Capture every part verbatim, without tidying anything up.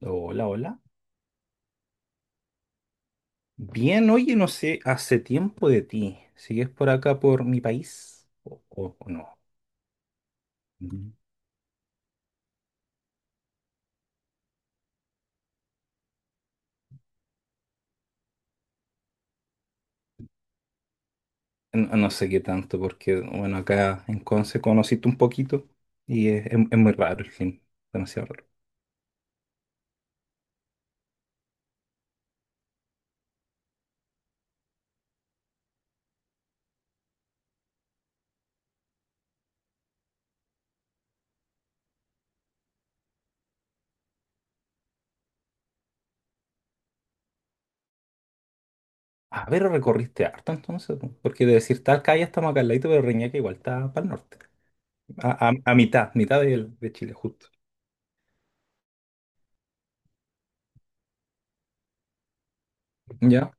Hola, hola. Bien, oye, no sé, hace tiempo de ti. ¿Sigues por acá, por mi país? ¿O, o- o no? Mm. ¿No? No sé qué tanto, porque, bueno, acá en Conce conociste un poquito y es, es- es muy raro el clima, demasiado raro. A ver, recorriste harto entonces, po, porque de decir tal calle estamos acá al ladito, pero Reñaca igual está para el norte, a, a- a mitad, mitad del- de, Chile, justo. ¿Ya?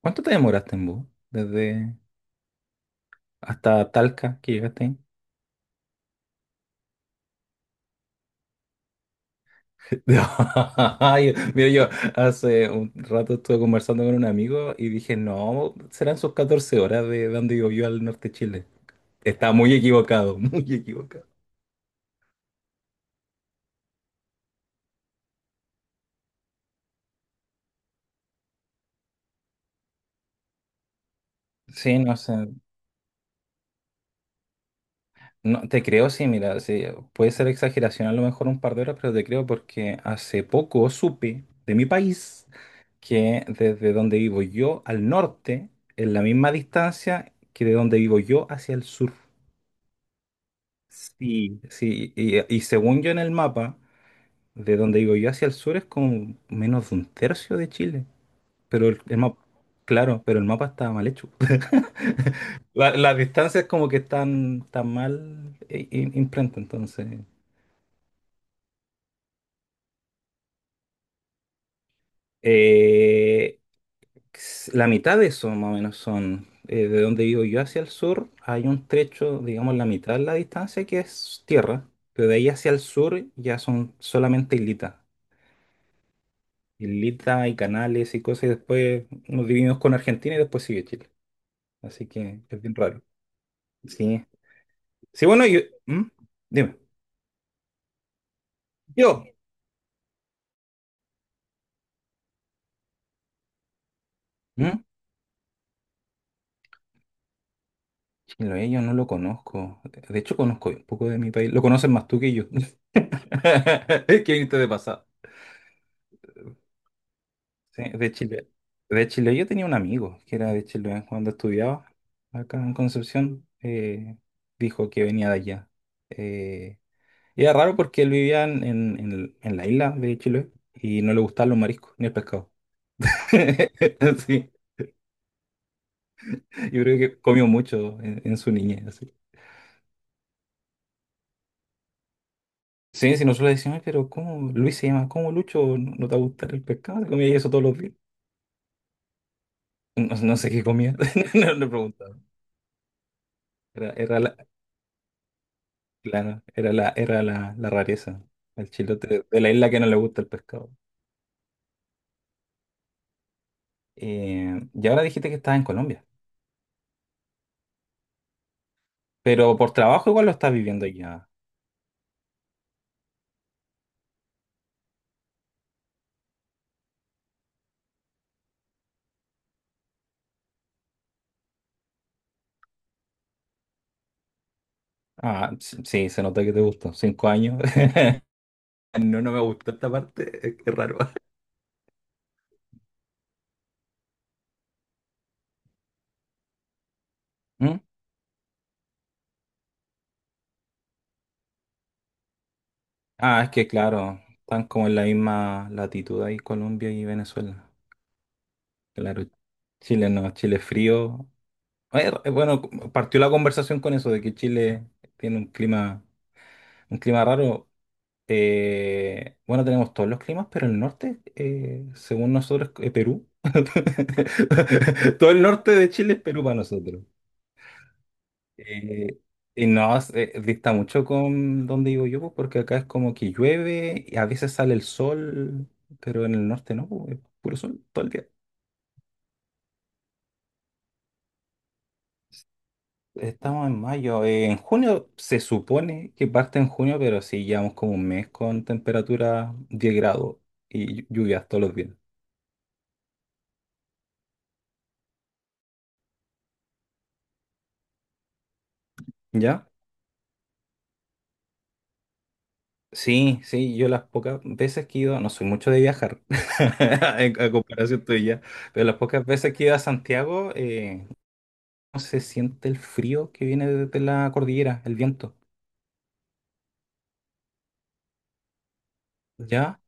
¿Cuánto te demoraste en bus? Desde hasta Talca que llegaste. Ay, mira, yo hace un rato estuve conversando con un amigo y dije, no, serán sus catorce horas de donde yo al norte de Chile. Está muy equivocado, muy equivocado. Sí, no sé. No, te creo, sí, mira, sí, puede ser exageración a lo mejor un par de horas, pero te creo porque hace poco supe de mi país que desde donde vivo yo al norte es la misma distancia que de donde vivo yo hacia el sur. Sí. Sí, y, y según yo en el mapa, de donde digo yo hacia el sur es como menos de un tercio de Chile. Pero el mapa, claro, pero el mapa está mal hecho. La- las distancias como que están tan mal i- i- imprenta, entonces. Eh, s- la mitad de eso más o menos son eh, de donde vivo yo hacia el sur. Hay un trecho, digamos, la mitad de la distancia que es tierra. Pero de ahí hacia el sur ya son solamente islitas. Islitas y canales y cosas. Y después nos dividimos con Argentina y después sigue Chile. Así que es bien raro. Sí. Sí, bueno, yo. ¿Mm? Dime. Yo. ¿Mm? Chiloé, yo no lo conozco. De hecho, conozco un poco de mi país. Lo conocen más tú que yo. ¿Qué viniste de pasado? Sí, de Chile. De Chile, yo tenía un amigo que era de Chile, eh, cuando estudiaba acá en Concepción. Eh, dijo que venía de allá. Eh, y era raro porque él vivía en, en- en- en la isla de Chile y no le gustaban los mariscos ni el pescado. Sí, yo creo que comió mucho en, en su niñez. Sí, si nosotros le decimos, pero ¿cómo Luis se llama? ¿Cómo Lucho? ¿No no te va a gustar el pescado? Te comía eso todos los días. No, no sé qué comía, no le preguntaba. Era, era la, claro, era la, era la, la rareza, el chilote de la isla que no le gusta el pescado. Eh, y ahora dijiste que estás en Colombia, pero por trabajo igual lo estás viviendo allá. Ah, s- sí, se nota que te gustó. Cinco años. No, no me gustó esta parte, es que es raro. ¿Mm? Ah, es que claro, están como en la misma latitud ahí Colombia y Venezuela. Claro, Chile no, Chile es frío. Eh, eh, Bueno, partió la conversación con eso de que Chile tiene un clima, un clima raro. Eh, bueno, tenemos todos los climas, pero el norte, eh, según nosotros, es Perú. Todo el norte de Chile es Perú para nosotros. Eh, y no, es- eh, dista mucho con donde vivo yo, pues, porque acá es como que llueve y a veces sale el sol, pero en el norte no, pues, es puro sol todo el día. Estamos en mayo. Eh, en junio se supone que parte en junio, pero sí llevamos como un mes con temperatura diez grados y llu- lluvias todos los días. ¿Ya? Sí, sí, yo las pocas veces que he ido, no soy mucho de viajar, en, a comparación tuya, pero las pocas veces que he ido a Santiago, eh, no se siente el frío que viene de de la cordillera, el viento. ¿Ya?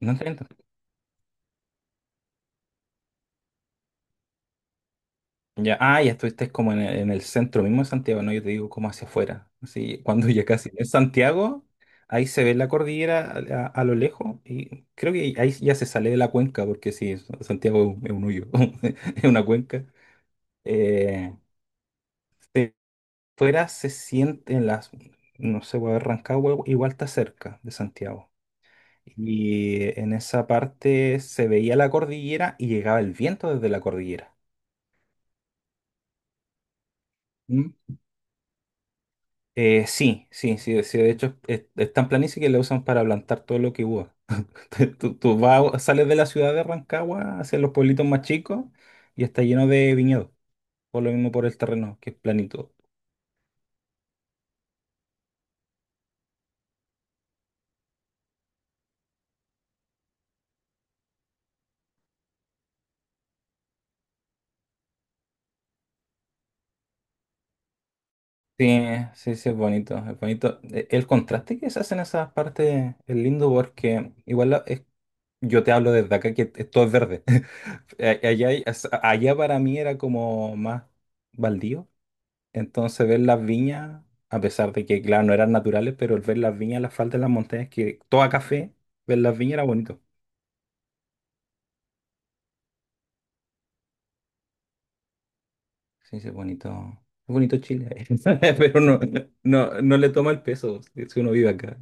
No entiendo. Ya, ah, ya estuviste como en el, en el centro mismo de Santiago, no, yo te digo como hacia afuera. Así, cuando ya casi en Santiago, ahí se ve la cordillera a, a- a lo lejos y creo que ahí ya se sale de la cuenca, porque sí, Santiago es un hoyo, es una cuenca. Eh, si fuera se siente en las, no sé, voy a Rancagua igual está cerca de Santiago. Y en esa parte se veía la cordillera y llegaba el viento desde la cordillera. Eh, sí, sí, sí, sí, de hecho es, es tan planicie que la usan para plantar todo lo que hubo. Tú, tú vas, sales de la ciudad de Rancagua hacia los pueblitos más chicos y está lleno de viñedos, por lo mismo por el terreno, que es planito. Sí, sí, sí, es bonito, es bonito. E- El contraste que se hace en esas partes es lindo porque igual la- es- yo te hablo desde acá que es- todo es verde. A- Allá, hay- as- allá para mí era como más baldío. Entonces ver las viñas, a pesar de que, claro, no eran naturales, pero el ver las viñas, las faldas de las montañas, que toda café, ver las viñas era bonito. Sí, sí, es bonito. Es bonito Chile, pero no, no, no no le toma el peso si uno vive acá.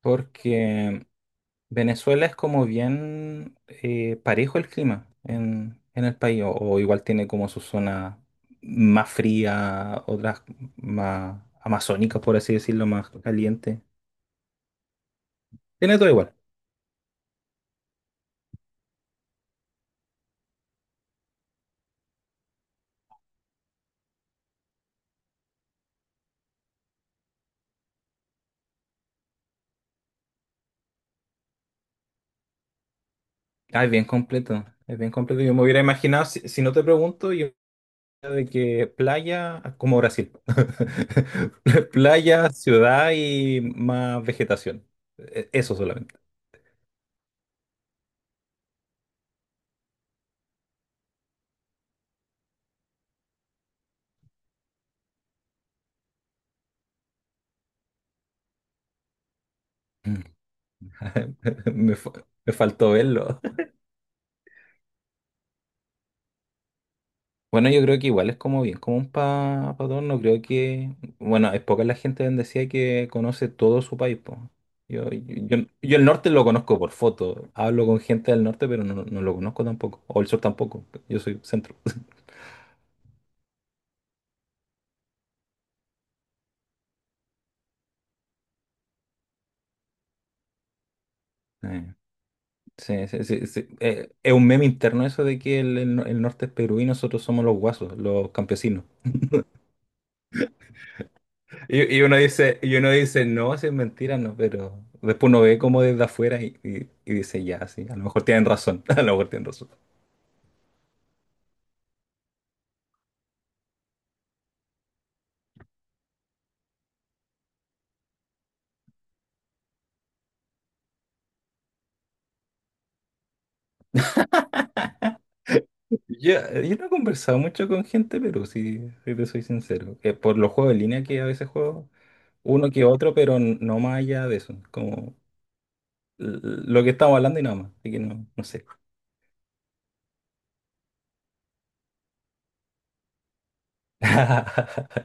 Porque Venezuela es como bien eh, parejo el clima en, en el país, o, o igual tiene como su zona más fría, otras más amazónicas, por así decirlo, más caliente. Tiene todo igual. Ah, es bien completo, es bien completo. Yo me hubiera imaginado, si, si no te pregunto, yo de que playa, como Brasil, playa, ciudad y más vegetación. E- Eso solamente. Mm. Me, fa- Me faltó verlo. Bueno, yo creo que igual es como bien común para pa pa todos, no creo que, bueno, es poca la gente bendecida que conoce todo su país, po. Yo, yo, yo yo el norte lo conozco por foto, hablo con gente del norte, pero no, no lo conozco tampoco, o el sur tampoco, yo soy centro. Sí, sí, sí, sí, sí. Eh, es un meme interno eso de que el, el no- el norte es Perú y nosotros somos los guasos, los campesinos. Y, y uno dice, y uno dice, no, si es mentira, no, pero después uno ve como desde afuera y, y- y dice, ya, sí, a lo mejor tienen razón, a lo mejor tienen razón. Ya, yo no he conversado mucho con gente, pero si, si te soy sincero, que por los juegos en línea que a veces juego, uno que otro, pero n- no más allá de eso, como l- lo que estamos hablando y nada más, así que no, no sé.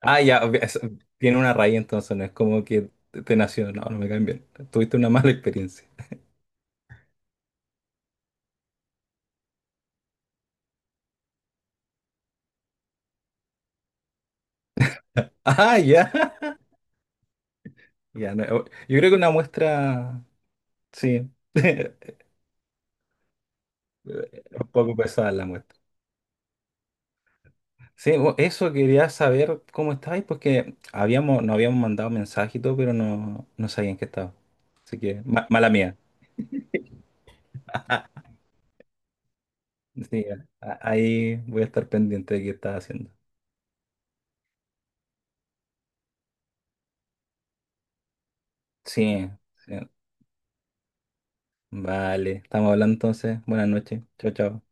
Ah, ya, obvi- es- tiene una raíz entonces, no es como que te te nació, no, no me caen bien. Tuviste una mala experiencia. Ah, ya. Ya, no, yo creo que una muestra, sí, un poco pesada la muestra. Sí, bu- eso quería saber cómo estabais, porque habíamos, nos habíamos mandado mensaje y todo, pero no, no sabían que estaba. Así que, ma- mala mía. Sí, a- ahí voy a estar pendiente de qué estás haciendo. Sí, sí. Vale, estamos hablando entonces. Buenas noches. Chao, chao.